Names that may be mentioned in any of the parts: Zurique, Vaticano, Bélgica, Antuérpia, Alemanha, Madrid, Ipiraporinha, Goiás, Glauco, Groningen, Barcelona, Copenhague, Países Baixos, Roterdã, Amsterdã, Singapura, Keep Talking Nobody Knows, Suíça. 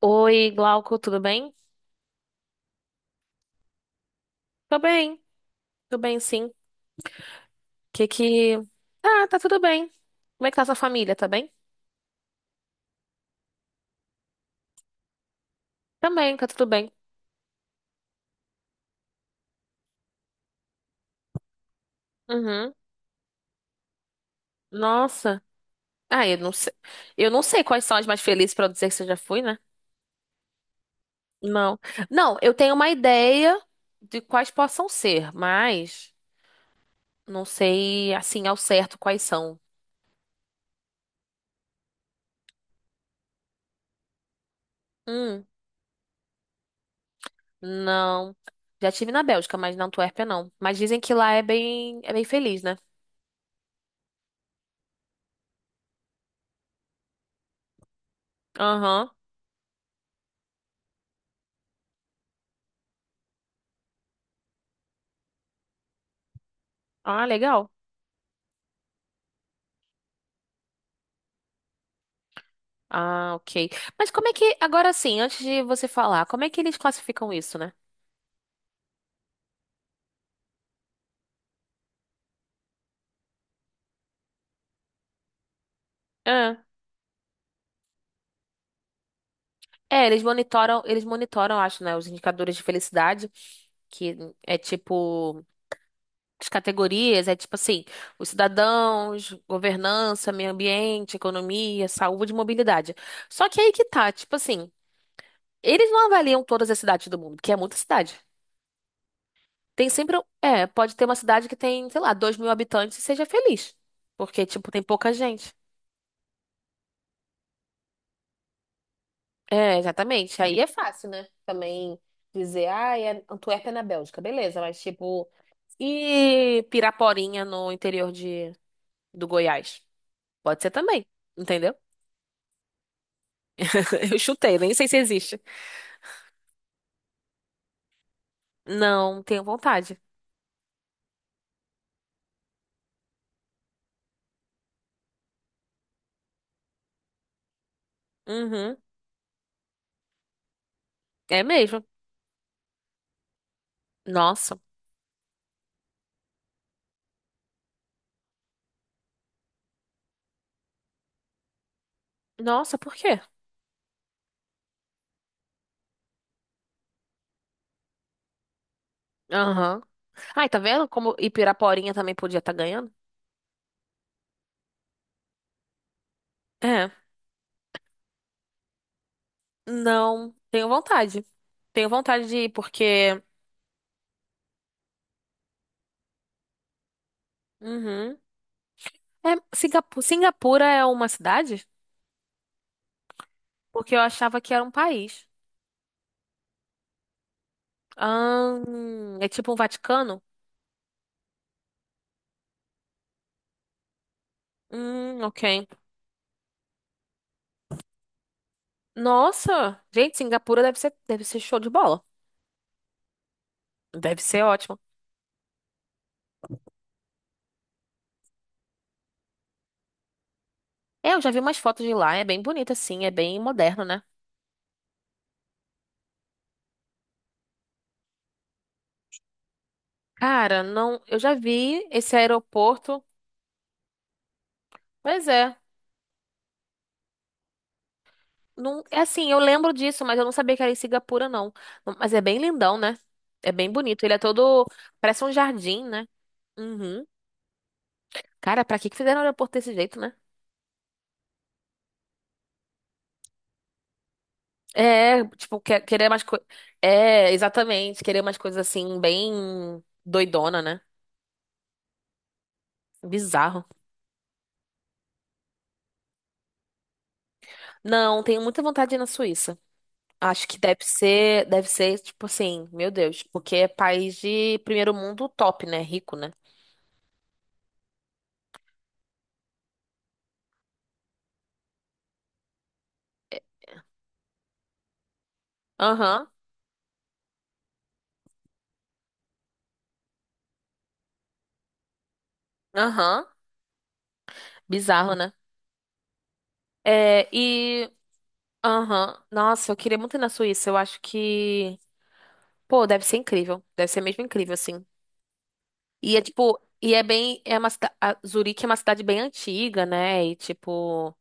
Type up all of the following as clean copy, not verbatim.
Oi, Glauco, tudo bem? Tô bem, tô bem sim. Que... Ah, tá tudo bem. Como é que tá sua família, tá bem? Também, tá tudo bem. Uhum. Nossa. Ah, eu não sei. Eu não sei quais são as mais felizes pra eu dizer que você já foi, né? Não. Não, eu tenho uma ideia de quais possam ser, mas não sei, assim, ao certo quais são. Hum, não. Já tive na Bélgica, mas na Antuérpia não. Mas dizem que lá é bem feliz, né? Aham. Ah, legal. Ah, ok. Mas como é que, agora sim, antes de você falar, como é que eles classificam isso, né? Ah, é, eles monitoram, acho, né, os indicadores de felicidade, que é tipo, as categorias, é tipo assim, os cidadãos, governança, meio ambiente, economia, saúde e mobilidade. Só que aí que tá, tipo assim, eles não avaliam todas as cidades do mundo, porque é muita cidade. Tem sempre, é, pode ter uma cidade que tem, sei lá, 2.000 habitantes e seja feliz, porque, tipo, tem pouca gente. É, exatamente. Aí é fácil, né? Também dizer, ah, é Antuérpia na Bélgica, beleza, mas tipo, e Piraporinha no interior de, do Goiás? Pode ser também, entendeu? Eu chutei, nem sei se existe. Não, tenho vontade. Uhum, é mesmo. Nossa. Nossa, por quê? Aham. Ai, tá vendo como Ipiraporinha também podia estar ganhando? É. Não, tenho vontade. Tenho vontade de ir porque. Uhum. É, Singapura é uma cidade? Porque eu achava que era um país. Ah, é tipo um Vaticano? Ok. Nossa, gente, Singapura deve ser show de bola. Deve ser ótimo. É, eu já vi umas fotos de lá, é bem bonito assim, é bem moderno, né? Cara, não, eu já vi esse aeroporto. Pois é. Não, é assim, eu lembro disso, mas eu não sabia que era em Singapura, não. Mas é bem lindão, né? É bem bonito. Ele é todo, parece um jardim, né? Uhum. Cara, pra que que fizeram o aeroporto desse jeito, né? É, tipo, querer mais coisas. É, exatamente, querer umas coisas assim, bem doidona, né? Bizarro. Não, tenho muita vontade de ir na Suíça. Acho que deve ser, tipo assim, meu Deus, porque é país de primeiro mundo top, né? Rico, né? Aham, aham. Bizarro, né? É, e. Aham. Nossa, eu queria muito ir na Suíça. Eu acho que. Pô, deve ser incrível. Deve ser mesmo incrível, assim. E é tipo, e é bem, é uma, a Zurique é uma cidade bem antiga, né? E tipo,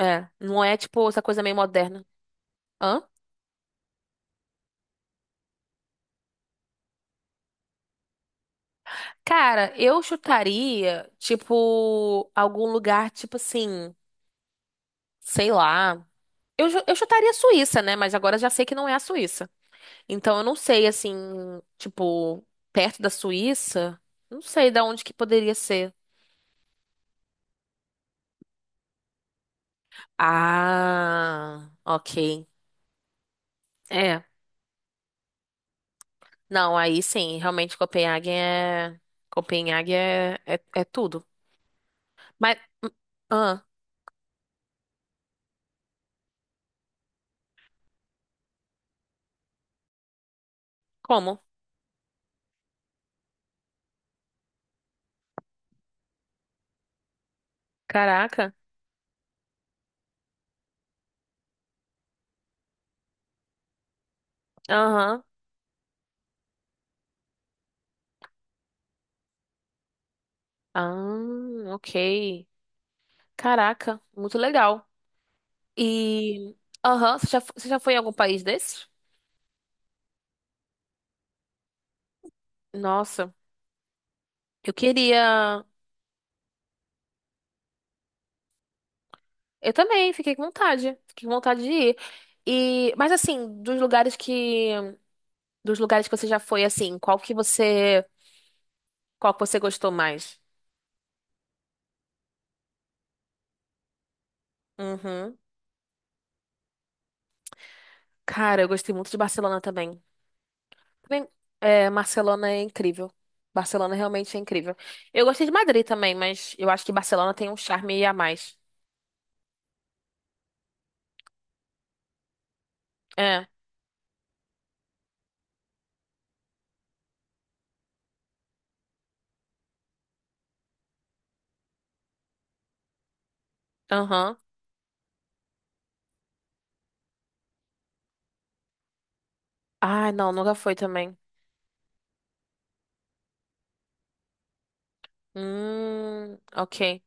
é, não é tipo essa coisa meio moderna. Hã? Cara, eu chutaria, tipo, algum lugar, tipo assim, sei lá. Eu chutaria a Suíça, né? Mas agora eu já sei que não é a Suíça. Então eu não sei, assim, tipo, perto da Suíça, não sei da onde que poderia ser. Ah, ok. É. Não, aí sim, realmente Copenhague é. Copenhague é tudo. Mas. Ah, como? Caraca. Aham. Ah, ok. Caraca, muito legal. E. Aham, você já, você já foi em algum país desses? Nossa, eu queria. Eu também, fiquei com vontade. Fiquei com vontade de ir. E, mas assim, dos lugares que. Dos lugares que você já foi, assim, qual que você. Qual que você gostou mais? Uhum. Cara, eu gostei muito de Barcelona também. Bem, é, Barcelona é incrível. Barcelona realmente é incrível. Eu gostei de Madrid também, mas eu acho que Barcelona tem um charme a mais. É, aham. Ah, não, nunca fui também. Ok.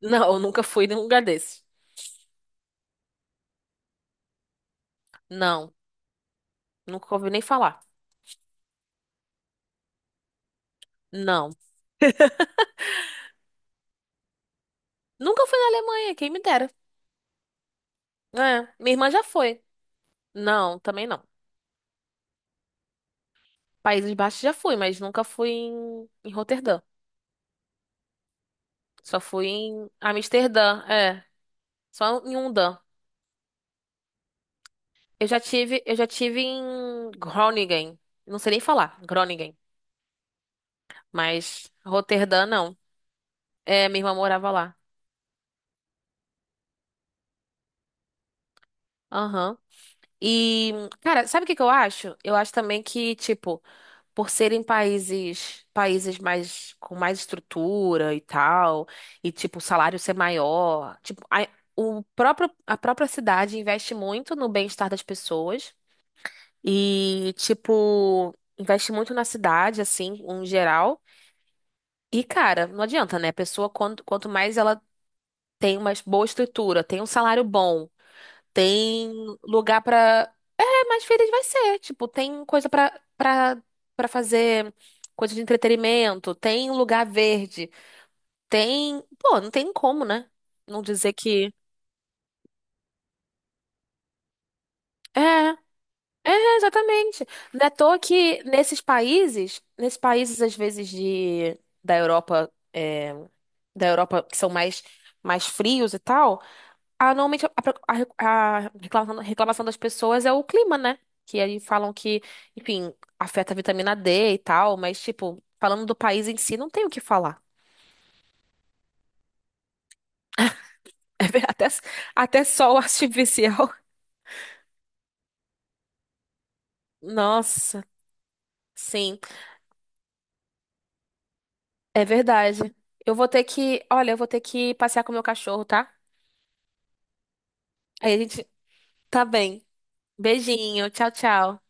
Não, eu nunca fui em um lugar desse. Não, nunca ouvi nem falar. Não. Nunca fui na Alemanha, quem me dera. É, minha irmã já foi. Não, também não. Países Baixos já fui, mas nunca fui em, em Roterdã. Só fui em Amsterdã, é. Só em Undan. Eu já tive em Groningen. Não sei nem falar, Groningen. Mas Roterdã, não. É, minha irmã morava lá. Aham. E, cara, sabe o que que eu acho? Eu acho também que, tipo, por serem países, países mais, com mais estrutura e tal, e, tipo, o salário ser maior, tipo, a, o próprio, a própria cidade investe muito no bem-estar das pessoas e, tipo, investe muito na cidade, assim, em geral. E, cara, não adianta, né? A pessoa, quanto, quanto mais ela tem uma boa estrutura, tem um salário bom, tem lugar pra. É, mais feliz vai ser. Tipo, tem coisa pra fazer, coisa de entretenimento, tem lugar verde, tem. Pô, não tem como, né? Não dizer que. É. É, exatamente. Não é à toa que nesses países às vezes de da Europa, é, da Europa que são mais mais frios e tal. Ah, normalmente a, a reclamação, reclamação das pessoas é o clima, né? Que aí falam que, enfim, afeta a vitamina D e tal, mas, tipo, falando do país em si, não tem o que falar. Até, até sol artificial. Nossa, sim, é verdade. Eu vou ter que passear com o meu cachorro, tá? Aí a gente tá bem. Beijinho, tchau, tchau.